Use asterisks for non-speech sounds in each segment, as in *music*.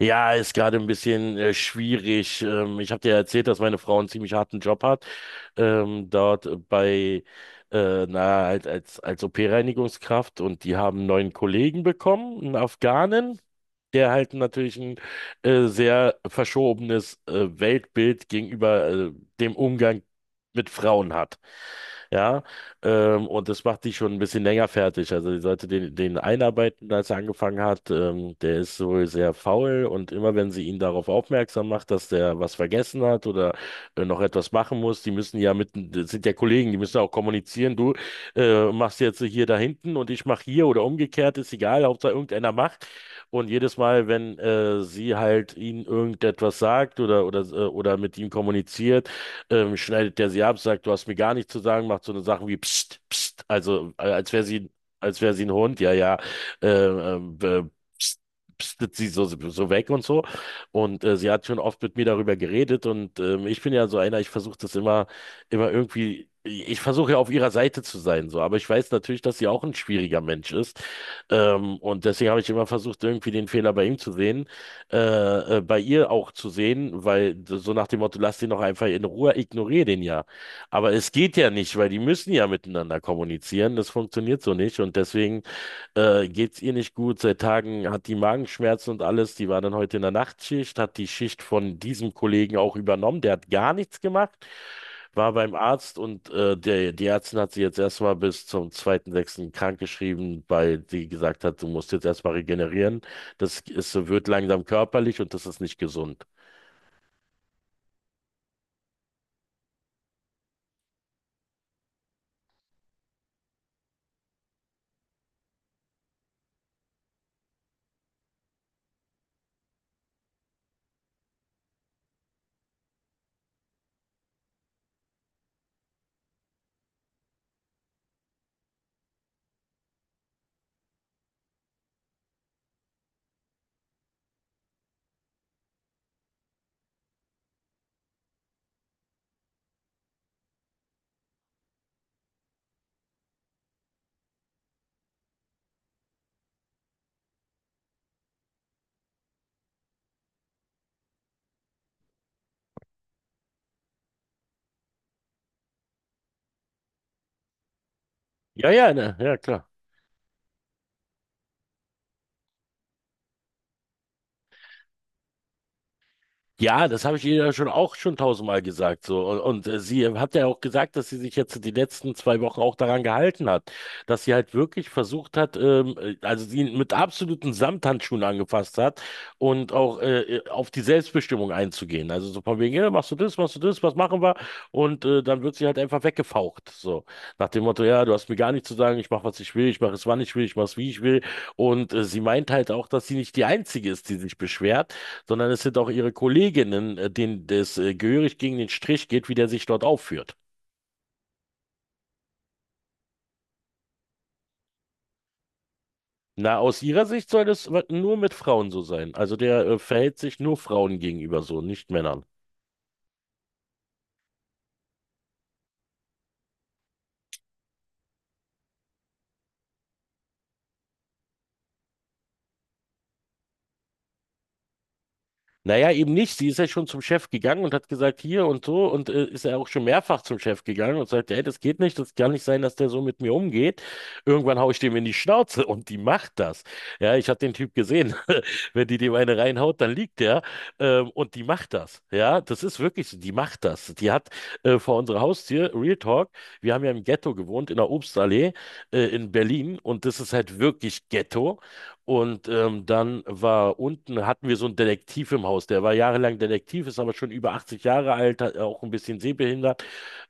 Ja, ist gerade ein bisschen schwierig. Ich habe dir ja erzählt, dass meine Frau einen ziemlich harten Job hat, dort bei, als OP-Reinigungskraft, und die haben einen neuen Kollegen bekommen, einen Afghanen, der halt natürlich ein sehr verschobenes Weltbild gegenüber dem Umgang mit Frauen hat. Ja. Und das macht die schon ein bisschen länger fertig. Also die sollte den einarbeiten, als er angefangen hat. Der ist wohl sehr faul, und immer wenn sie ihn darauf aufmerksam macht, dass der was vergessen hat oder noch etwas machen muss, die müssen ja mit, das sind ja Kollegen, die müssen ja auch kommunizieren. Du machst jetzt hier da hinten und ich mach hier oder umgekehrt, ist egal, Hauptsache irgendeiner macht. Und jedes Mal, wenn sie halt ihn irgendetwas sagt oder mit ihm kommuniziert, schneidet der sie ab, sagt, du hast mir gar nichts zu sagen, macht so eine Sachen wie Psst, Psst, also als wäre sie ein Hund. Ja, ja, äh, ähm, äh, pst- pstet sie so, weg und so. Und sie hat schon oft mit mir darüber geredet, und ich bin ja so einer, ich versuche das immer, immer irgendwie, ich versuche ja auf ihrer Seite zu sein, so, aber ich weiß natürlich, dass sie auch ein schwieriger Mensch ist. Und deswegen habe ich immer versucht, irgendwie den Fehler bei ihm zu sehen, bei ihr auch zu sehen, weil, so nach dem Motto, lass den doch einfach in Ruhe, ignoriere den ja. Aber es geht ja nicht, weil die müssen ja miteinander kommunizieren. Das funktioniert so nicht, und deswegen geht's ihr nicht gut. Seit Tagen hat die Magenschmerzen und alles. Die war dann heute in der Nachtschicht, hat die Schicht von diesem Kollegen auch übernommen. Der hat gar nichts gemacht. War beim Arzt, und die Ärztin hat sie jetzt erstmal bis zum 2.6. krankgeschrieben, weil sie gesagt hat, du musst jetzt erstmal regenerieren. Das ist, wird langsam körperlich, und das ist nicht gesund. Ja, ja, ne, ja, klar. Ja, das habe ich ihr ja schon auch schon tausendmal gesagt. So. Und sie hat ja auch gesagt, dass sie sich jetzt die letzten 2 Wochen auch daran gehalten hat, dass sie halt wirklich versucht hat, also sie mit absoluten Samthandschuhen angefasst hat und auch auf die Selbstbestimmung einzugehen. Also so von wegen, ja, machst du das, was machen wir? Und dann wird sie halt einfach weggefaucht. So. Nach dem Motto, ja, du hast mir gar nichts zu sagen, ich mache, was ich will, ich mache es, wann ich will, ich mache es, wie ich will. Und sie meint halt auch, dass sie nicht die Einzige ist, die sich beschwert, sondern es sind auch ihre Kolleginnen, denen das gehörig gegen den Strich geht, wie der sich dort aufführt. Na, aus ihrer Sicht soll das nur mit Frauen so sein. Also der verhält sich nur Frauen gegenüber so, nicht Männern. Naja, eben nicht. Sie ist ja schon zum Chef gegangen und hat gesagt, hier und so. Und ist ja auch schon mehrfach zum Chef gegangen und sagt, ey, das geht nicht, das kann nicht sein, dass der so mit mir umgeht. Irgendwann hau ich dem in die Schnauze, und die macht das. Ja, ich habe den Typ gesehen. *laughs* Wenn die dem eine reinhaut, dann liegt der. Und die macht das. Ja, das ist wirklich so, die macht das. Die hat vor unserer Haustür, Real Talk, wir haben ja im Ghetto gewohnt, in der Obstallee in Berlin. Und das ist halt wirklich Ghetto. Und dann war unten, hatten wir so einen Detektiv im Haus, der war jahrelang Detektiv, ist aber schon über 80 Jahre alt, hat auch ein bisschen sehbehindert.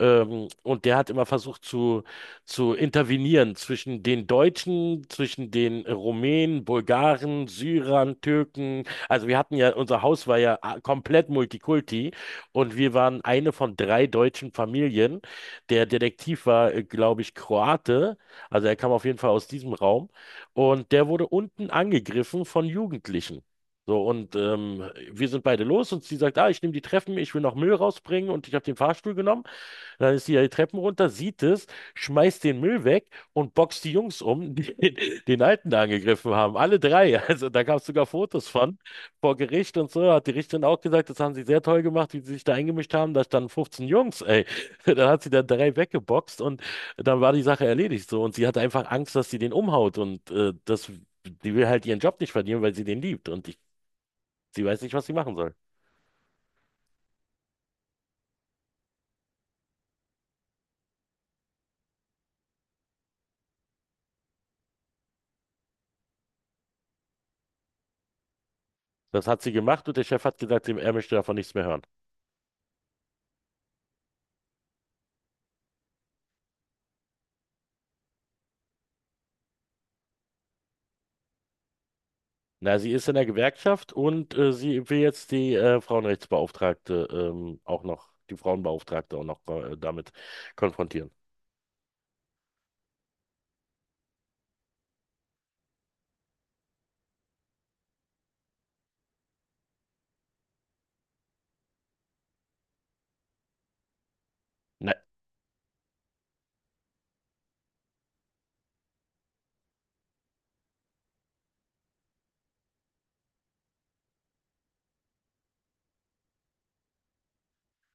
Und der hat immer versucht, zu intervenieren zwischen den Deutschen, zwischen den Rumänen, Bulgaren, Syrern, Türken. Also wir hatten ja, unser Haus war ja komplett Multikulti, und wir waren eine von drei deutschen Familien. Der Detektiv war, glaube ich, Kroate. Also er kam auf jeden Fall aus diesem Raum. Und der wurde unten angegriffen von Jugendlichen. So, und wir sind beide los, und sie sagt, ah, ich nehme die Treppen, ich will noch Müll rausbringen, und ich habe den Fahrstuhl genommen. Dann ist sie ja die Treppen runter, sieht es, schmeißt den Müll weg und boxt die Jungs um, die *laughs* den Alten da angegriffen haben. Alle drei. *laughs* Also da gab es sogar Fotos von vor Gericht und so. Hat die Richterin auch gesagt, das haben sie sehr toll gemacht, wie sie sich da eingemischt haben. Da standen 15 Jungs, ey. *laughs* Dann hat sie da drei weggeboxt, und dann war die Sache erledigt so. Und sie hatte einfach Angst, dass sie den umhaut, und die will halt ihren Job nicht verlieren, weil sie den liebt. Und ich, sie weiß nicht, was sie machen soll. Das hat sie gemacht, und der Chef hat gesagt, er möchte davon nichts mehr hören. Na, sie ist in der Gewerkschaft, und sie will jetzt die Frauenrechtsbeauftragte, auch noch, die Frauenbeauftragte auch noch damit konfrontieren. Na,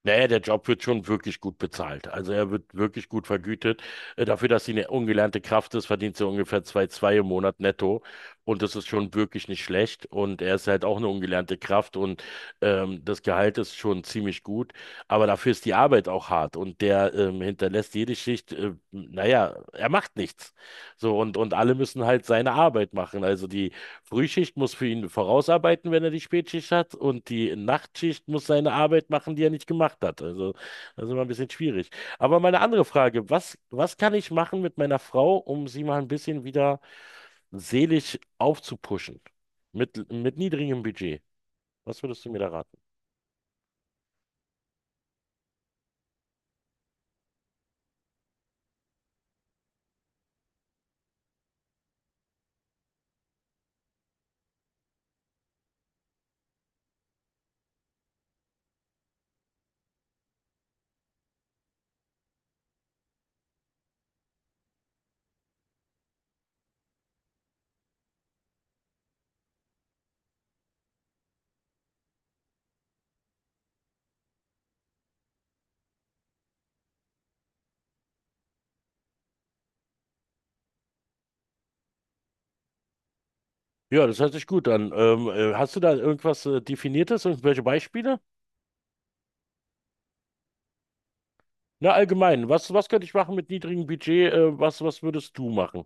Naja, der Job wird schon wirklich gut bezahlt. Also er wird wirklich gut vergütet. Dafür, dass sie eine ungelernte Kraft ist, verdient sie ungefähr 2,2 im Monat netto. Und das ist schon wirklich nicht schlecht. Und er ist halt auch eine ungelernte Kraft, und das Gehalt ist schon ziemlich gut. Aber dafür ist die Arbeit auch hart. Und der hinterlässt jede Schicht, naja, er macht nichts. So, und alle müssen halt seine Arbeit machen. Also die Frühschicht muss für ihn vorausarbeiten, wenn er die Spätschicht hat, und die Nachtschicht muss seine Arbeit machen, die er nicht gemacht hat. Also das ist immer ein bisschen schwierig. Aber meine andere Frage, was kann ich machen mit meiner Frau, um sie mal ein bisschen wieder seelisch aufzupuschen? Mit niedrigem Budget. Was würdest du mir da raten? Ja, das hört sich gut an. Hast du da irgendwas Definiertes, und welche Beispiele? Na, allgemein, was könnte ich machen mit niedrigem Budget? Was würdest du machen?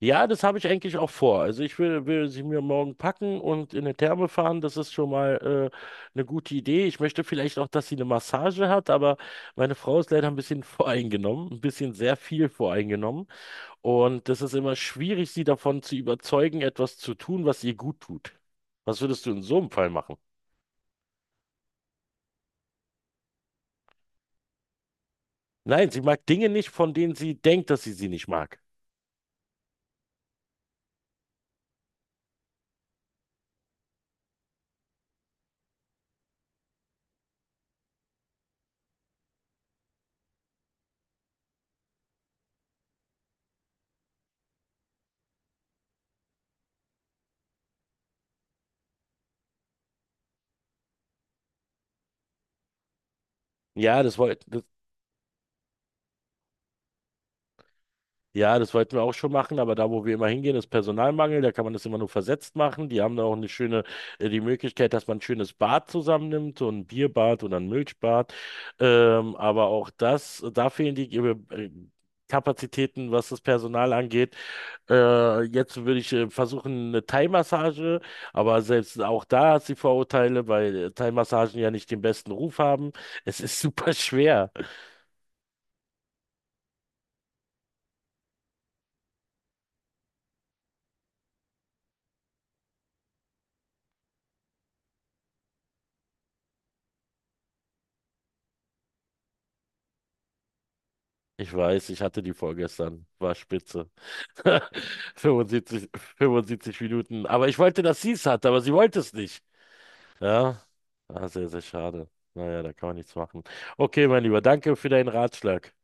Ja, das habe ich eigentlich auch vor. Also ich will, will sie mir morgen packen und in eine Therme fahren. Das ist schon mal eine gute Idee. Ich möchte vielleicht auch, dass sie eine Massage hat, aber meine Frau ist leider ein bisschen *laughs* voreingenommen, ein bisschen sehr viel voreingenommen. Und das ist immer schwierig, sie davon zu überzeugen, etwas zu tun, was ihr gut tut. Was würdest du in so einem Fall machen? Nein, sie mag Dinge nicht, von denen sie denkt, dass sie sie nicht mag. Ja, das wollte. Ja, das wollten wir auch schon machen, aber da, wo wir immer hingehen, ist Personalmangel. Da kann man das immer nur versetzt machen. Die haben da auch eine schöne, die Möglichkeit, dass man ein schönes Bad zusammennimmt, so ein Bierbad oder ein Milchbad. Aber auch das, da fehlen die Kapazitäten, was das Personal angeht. Jetzt würde ich versuchen, eine Thai-Massage, aber selbst auch da hat sie Vorurteile, weil Thai-Massagen ja nicht den besten Ruf haben. Es ist *laughs* super schwer. Ich weiß, ich hatte die vorgestern. War spitze. *laughs* 75, 75 Minuten. Aber ich wollte, dass sie es hat, aber sie wollte es nicht. Ja, ah, sehr, sehr schade. Naja, da kann man nichts machen. Okay, mein Lieber, danke für deinen Ratschlag.